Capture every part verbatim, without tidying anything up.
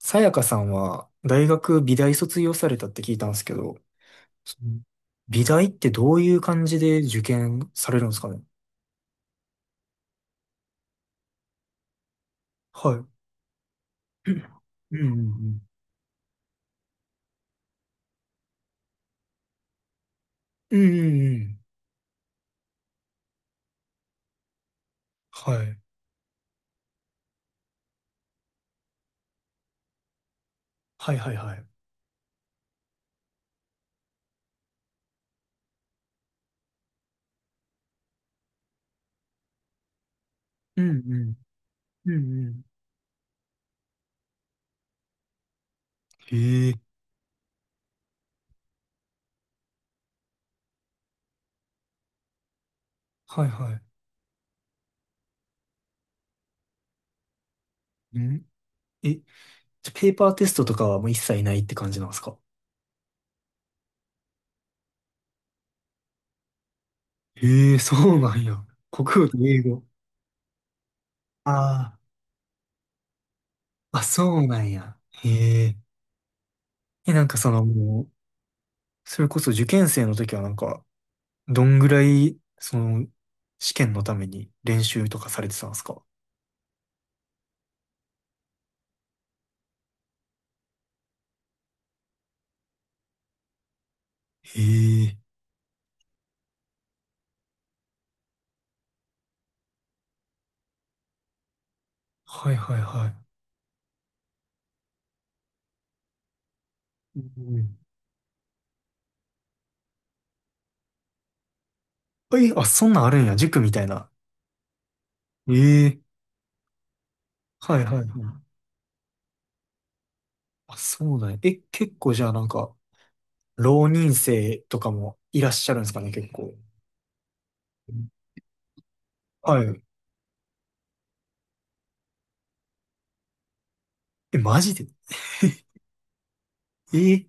さやかさんは大学美大卒業されたって聞いたんですけど、その美大ってどういう感じで受験されるんですかね？はい。うんうんうん。うんうんうん。はい。はいはいはい。うんうん。うんうん。へえ。はいはい。うん。え、じゃあペーパーテストとかはもう一切ないって感じなんですか？へえ、そうなんや。国語と英語。ああ、あ、そうなんや。へえ。え、なんかそのもう、それこそ受験生の時はなんか、どんぐらい、その、試験のために練習とかされてたんですか？へえ。はいはいはい。うん。はい、あ、そんなんあるんや。塾みたいな。ええ。はいはいはい。あ、そうだね。え、結構じゃあなんか、浪人生とかもいらっしゃるんですかね、結構。はい。え、マジで？え。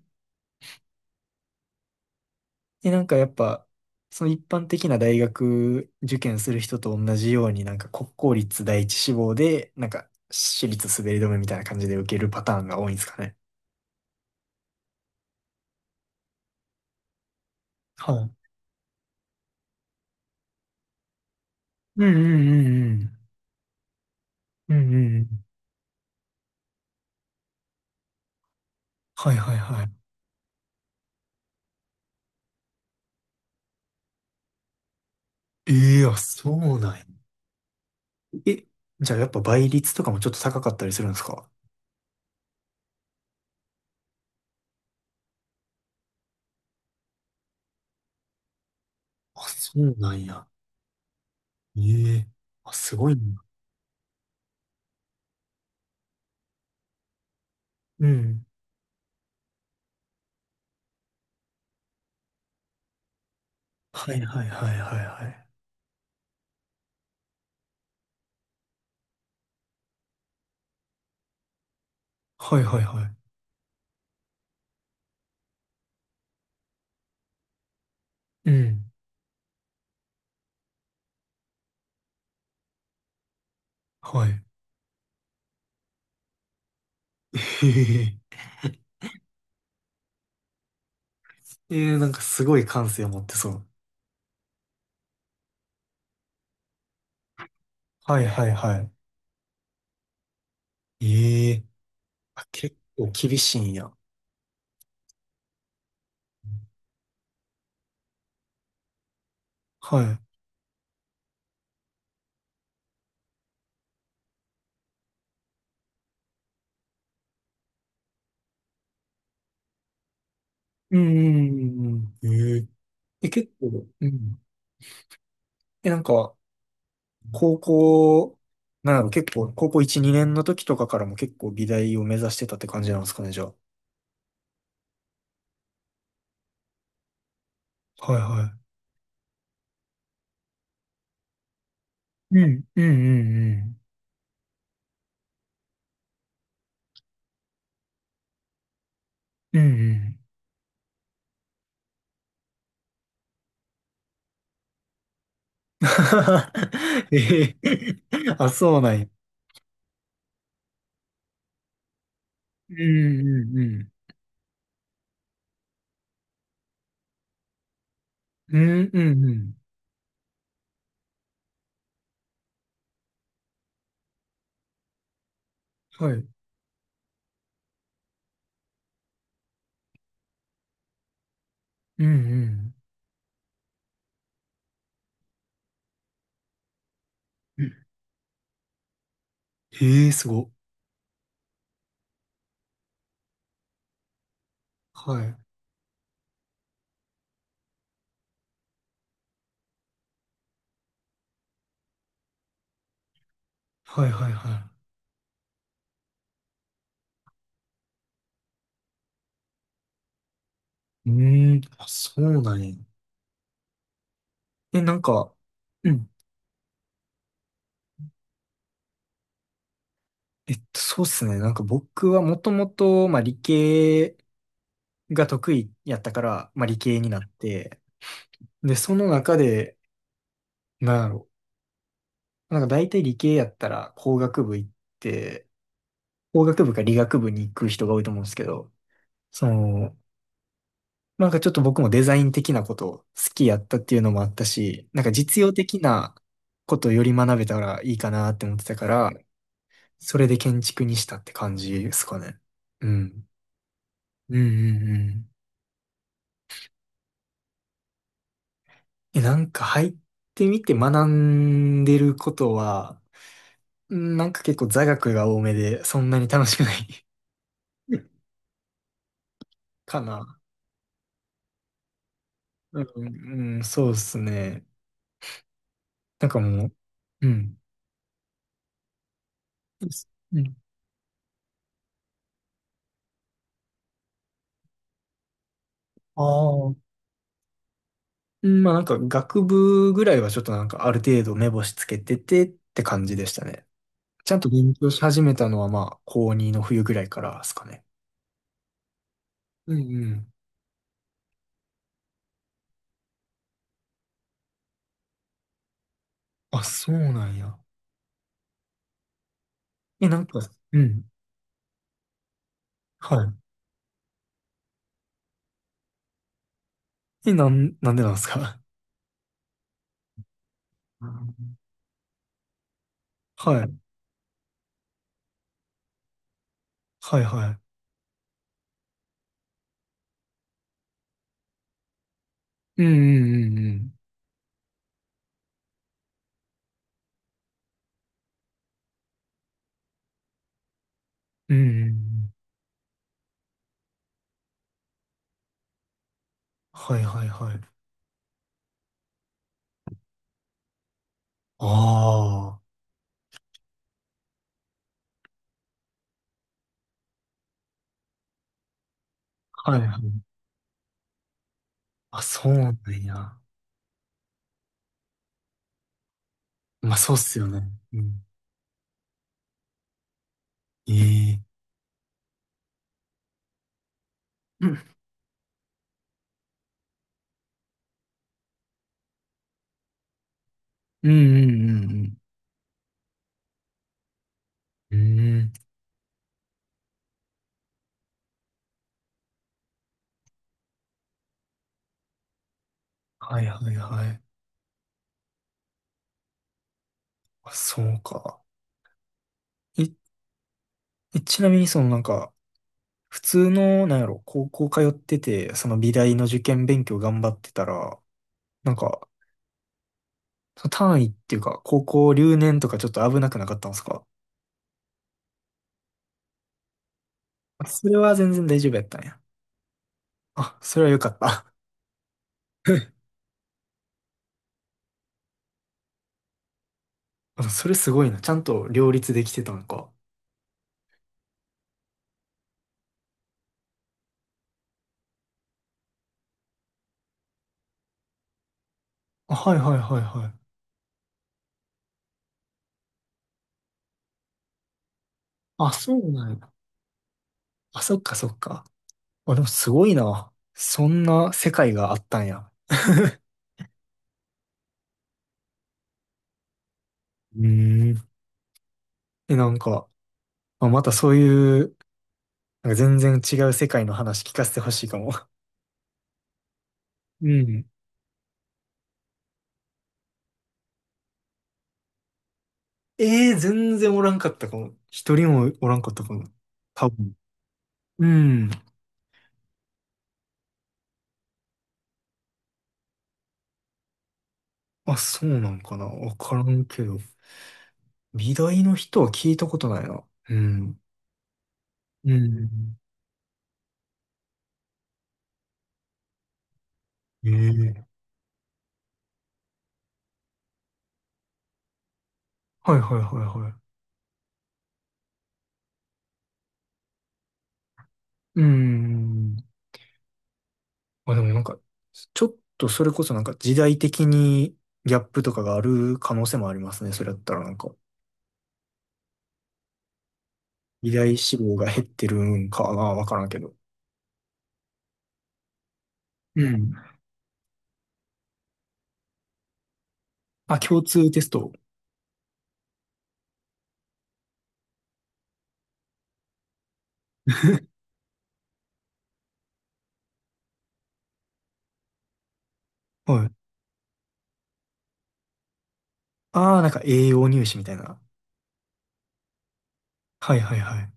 でなんかやっぱ、その一般的な大学受験する人と同じように、なんか国公立第一志望で、なんか私立滑り止めみたいな感じで受けるパターンが多いんですかね。はい。うんうんうんうん。うんうんうん。はいはいはい。ええー、あ、そうなんや。え、じゃあやっぱ倍率とかもちょっと高かったりするんですか？あ、そうなんや。ええ、あ、すごいな。うん。はいはいはいはいはい。はいはいはい。うん。はい。ええ、ええ、なんかすごい感性を持ってそう。はいはいはい。ええ、あ、結構厳しいんや。はい。うんうんうんうん。ええ、え結構、うん。え、なんか、高校、なんやろう、結構、高校いち、にねんの時とかからも結構美大を目指してたって感じなんですかね、じゃあ。はいはい。うん、うん、うん、うん。うんうん。 ええ、あ、そうなんや。うん、うん、うん。うん、うん、うん。はい。うん、うん。ええ、すご。はい。はいはいはい。うーん、あ、そうなんや。え、なんか、うん。えっと、そうっすね。なんか僕はもともと、まあ理系が得意やったから、まあ理系になって、で、その中で、なんやろ、なんか大体理系やったら工学部行って、工学部か理学部に行く人が多いと思うんですけど、その、なんかちょっと僕もデザイン的なことを好きやったっていうのもあったし、なんか実用的なことをより学べたらいいかなって思ってたから、それで建築にしたって感じですかね。うん。うんうんうん。え、なんか入ってみて学んでることは、うん、なんか結構座学が多めで、そんなに楽しくない かな。うん、うん、そうですね。なんかもう、うん。うん。ああ。うん、まあなんか学部ぐらいはちょっとなんかある程度目星つけててって感じでしたね。ちゃんと勉強し始めたのはまあ高こうにの冬ぐらいからですかね。うんうん。あ、そうなんや。え、なんか、うん。はい。え、なん、なんでなんですか？うん。 はい。はいはい。うんうんうんうん。うんうんうん。はいはいはい。ああ。はいはい。あ、そうなんや。まあそうっすよね。うん。ええ。うんうんうんうんうん。うん。はいはいはい。あ、そうか。い、え、ちなみにそのなんか、普通の、なんやろ、高校通ってて、その美大の受験勉強頑張ってたら、なんか、その単位っていうか、高校留年とかちょっと危なくなかったんですか？あ、それは全然大丈夫やったんや。あ、それはよかった。あ、それすごいな。ちゃんと両立できてたのか。あ、はいはいはいはい。あ、そうなんや。あ、そっかそっか。あ、でもすごいな。そんな世界があったんや。うーん。え、なんか、まあ、またそういう、なんか全然違う世界の話聞かせてほしいかも。うん。ええ、全然おらんかったかも。一人もおらんかったかも。多分。うん。あ、そうなんかな。わからんけど。美大の人は聞いたことないな。うん。うん。ええ。はいはいはいはい。うん。あ、でもなんか、ちょっとそれこそなんか時代的にギャップとかがある可能性もありますね。それだったらなんか。偉大志望が減ってるんかな、わからんけど。うん。あ、共通テスト。はい。ああ、なんか栄養入試みたいな。はいはいはい。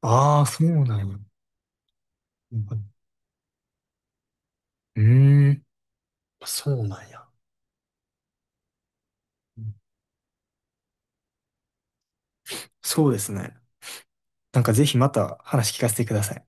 ああ、そうなんや。うん。うーん、そうなんや。そうですね。なんかぜひまた話聞かせてください。